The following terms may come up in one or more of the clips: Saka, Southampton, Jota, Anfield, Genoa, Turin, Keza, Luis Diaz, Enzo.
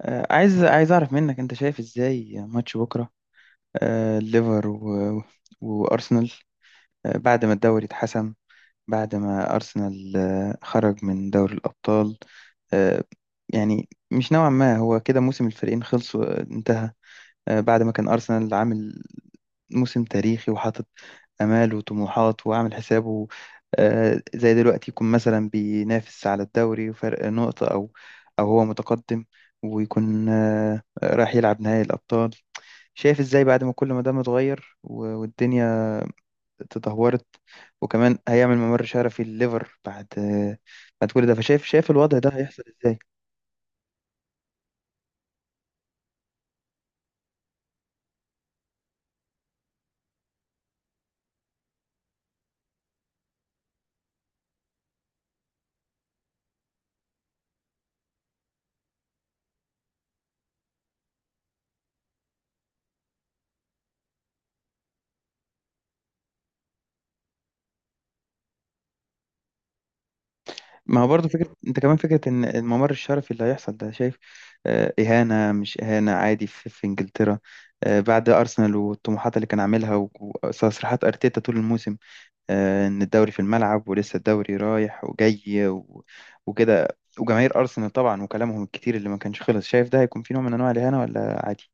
عايز اعرف منك انت شايف ازاي ماتش بكره. الليفر وارسنال بعد ما الدوري اتحسم، بعد ما ارسنال خرج من دوري الابطال. آه، يعني مش نوعا ما هو كده موسم الفريقين خلص وانتهى، بعد ما كان ارسنال عامل موسم تاريخي وحاطط آمال وطموحات وعامل حسابه. زي دلوقتي يكون مثلا بينافس على الدوري وفرق نقطة أو هو متقدم، ويكون رايح يلعب نهائي الأبطال. شايف إزاي بعد ما كل ما ده متغير والدنيا تدهورت، وكمان هيعمل ممر شرفي لليفر، بعد كل ده، فشايف الوضع ده هيحصل إزاي؟ ما هو برضه فكرة، انت كمان فكرة ان الممر الشرفي اللي هيحصل ده، شايف اهانة مش اهانة، عادي في انجلترا؟ بعد ارسنال والطموحات اللي كان عاملها وتصريحات ارتيتا طول الموسم، ان الدوري في الملعب ولسه الدوري رايح وجاي وكده، وجماهير ارسنال طبعا وكلامهم الكتير اللي ما كانش خلص، شايف ده هيكون في نوع من انواع الاهانة ولا عادي؟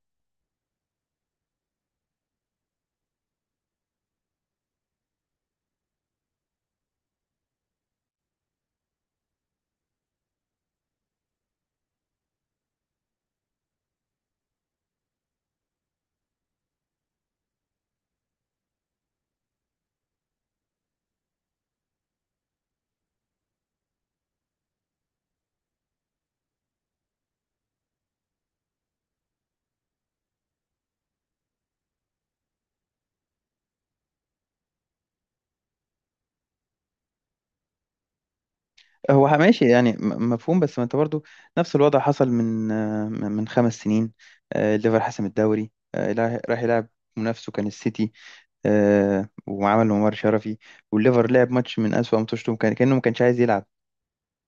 هو ماشي يعني مفهوم، بس ما انت برضه نفس الوضع حصل من خمس سنين. الليفر حسم الدوري، راح يلعب، منافسه كان السيتي، وعمل عمر شرفي، والليفر لعب ماتش من أسوأ ماتشاته، كان كأنه ما كانش عايز يلعب.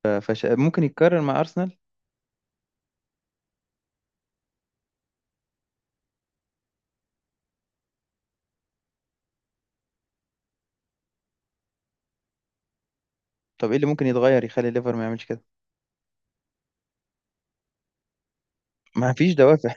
ممكن يتكرر مع أرسنال؟ طب إيه اللي ممكن يتغير يخلي الليفر ما يعملش كده؟ ما فيش دوافع؟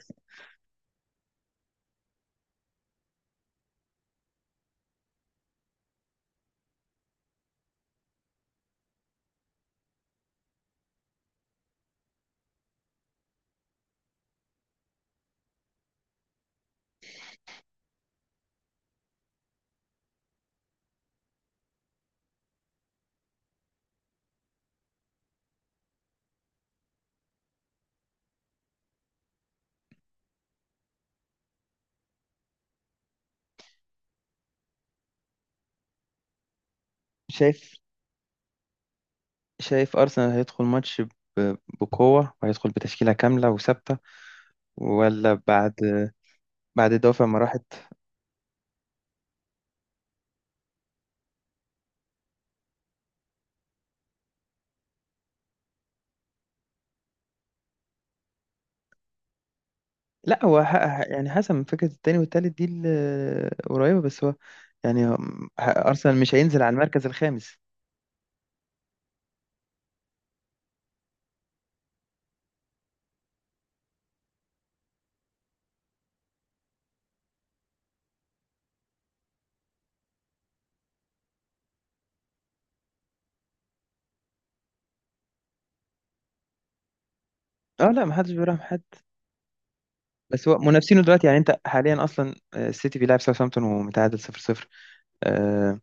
شايف. شايف أرسنال هيدخل ماتش بقوة وهيدخل بتشكيلة كاملة وثابتة، ولا بعد الدوافع ما راحت؟ لا، هو يعني حسب، من فكرة التاني والتالت دي قريبة، بس هو يعني أرسنال مش هينزل على المركز الخامس. اه لا، محدش بيراهم حد. بس هو منافسينه دلوقتي، يعني انت حاليا اصلا السيتي بيلعب ساوثهامبتون ومتعادل 0-0. آه،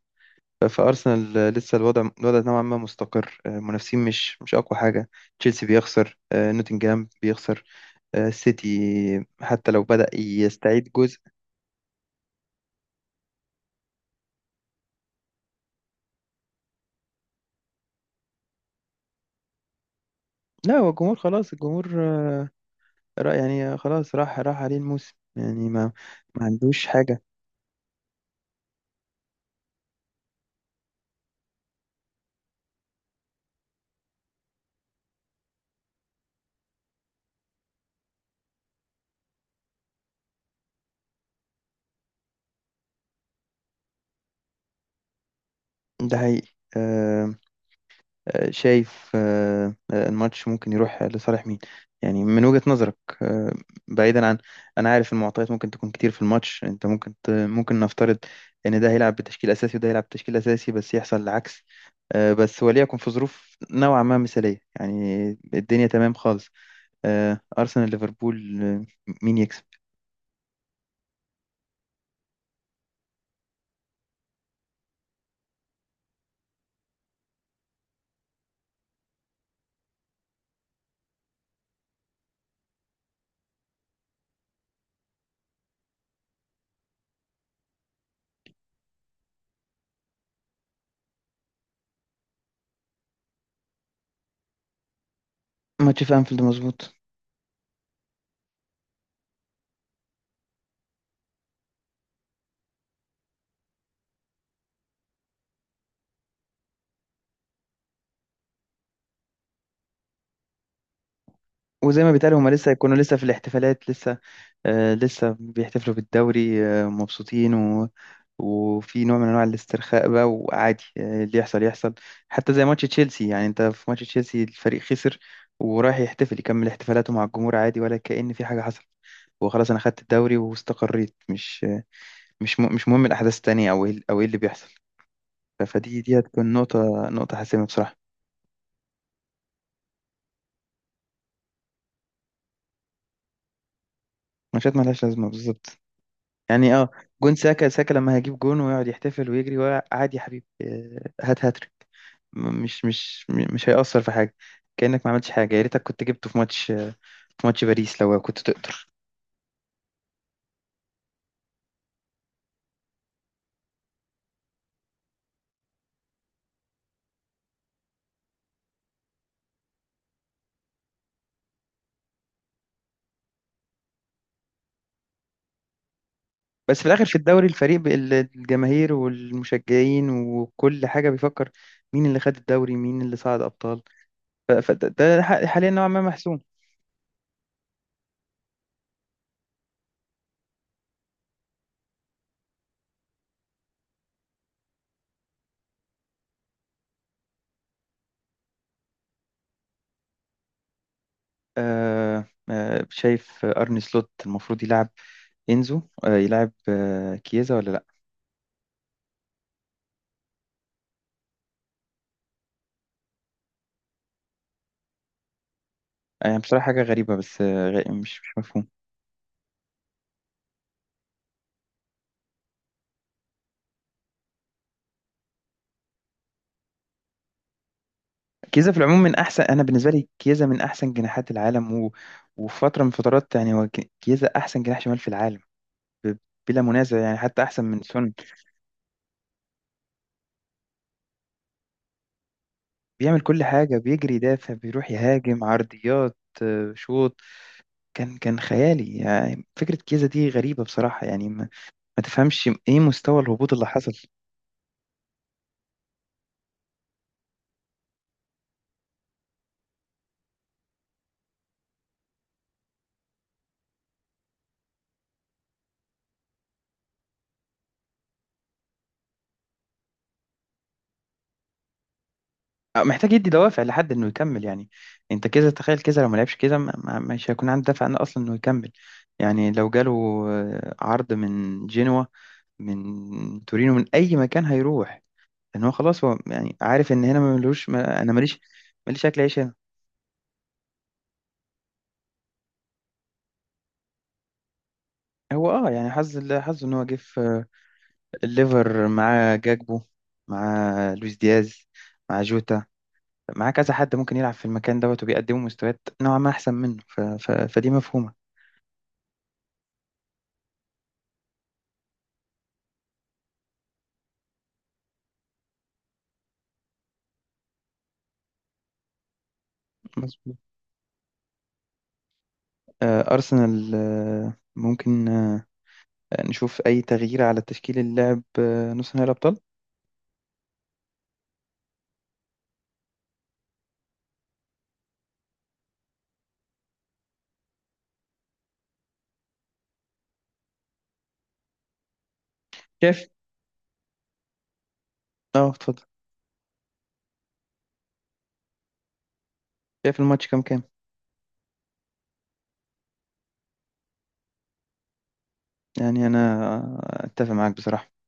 فارسنال لسه الوضع نوعا ما مستقر، منافسين مش اقوى حاجه. تشيلسي بيخسر، نوتنجهام بيخسر، السيتي حتى لو بدأ يستعيد جزء. لا، هو الجمهور خلاص، الجمهور رأي، يعني خلاص راح عليه الموسم، يعني ما ما عندوش حاجه. ده حقيقي. آه، شايف الماتش ممكن يروح لصالح مين؟ يعني من وجهة نظرك. آه، بعيدا عن، انا عارف المعطيات ممكن تكون كتير في الماتش، انت ممكن ممكن نفترض ان ده هيلعب بتشكيل اساسي وده هيلعب بتشكيل اساسي، بس يحصل العكس. بس وليكن في ظروف نوعا ما مثالية، يعني الدنيا تمام خالص. ارسنال ليفربول، مين يكسب؟ ماتش في انفيلد، مظبوط. وزي ما بيتقال، هما لسه هيكونوا لسه في الاحتفالات لسه لسه بيحتفلوا بالدوري مبسوطين، وفي نوع من انواع الاسترخاء بقى، وعادي اللي يحصل يحصل. حتى زي ماتش تشيلسي، يعني انت في ماتش تشيلسي الفريق خسر ورايح يحتفل، يكمل احتفالاته مع الجمهور عادي، ولا كأن في حاجة حصلت. وخلاص انا خدت الدوري واستقريت، مش مهم الاحداث التانية او ايه او ايه اللي بيحصل. فدي هتكون نقطة حاسمة بصراحة. ماتشات ملهاش لازمة، بالظبط. يعني اه، جون ساكا لما هجيب جون ويقعد يحتفل ويجري، وعادي يا حبيبي، هات هاتريك، مش هيأثر في حاجة. كأنك ما عملتش حاجة. يا ريتك كنت جبته في ماتش، في ماتش باريس لو كنت تقدر. بس في الآخر في الدوري، الفريق الجماهير والمشجعين وكل حاجة بيفكر مين اللي خد الدوري، مين اللي صعد أبطال، فده حاليا نوعا ما محسوم. شايف أرني سلوت المفروض يلعب إنزو، يلعب كيزا ولا؟ يعني بصراحة حاجة غريبة، بس مش مفهوم. كيزا في العموم من أحسن، أنا بالنسبة لي كيزا من أحسن جناحات العالم، وفي فترة من فترات، يعني هو كيزا أحسن جناح شمال في العالم ب... بلا منازع، يعني حتى أحسن من سون. بيعمل كل حاجة، بيجري، يدافع، بيروح يهاجم، عرضيات، شوط، كان خيالي. يعني فكرة كيزا دي غريبة بصراحة، يعني ما تفهمش إيه مستوى الهبوط اللي حصل. محتاج يدي دوافع لحد انه يكمل، يعني انت كذا تخيل كذا، لو ما لعبش كذا مش هيكون عنده دافع انه اصلا انه يكمل. يعني لو جاله عرض من جنوة، من تورينو، من اي مكان، هيروح. لان هو خلاص، هو يعني عارف ان هنا ما ملوش، ما انا ماليش، اكل عيش هنا. هو اه، يعني حظه ان هو جه في الليفر، مع جاكبو، مع لويس دياز، مع جوتا، مع كذا حد ممكن يلعب في المكان دوت، وبيقدموا مستويات نوعا ما احسن منه. فدي مفهومة. أرسنال ممكن نشوف أي تغيير على تشكيل اللاعب نص نهائي الأبطال؟ شايف. اه، اتفضل. شايف الماتش كام كام؟ يعني أنا أتفق معاك بصراحة.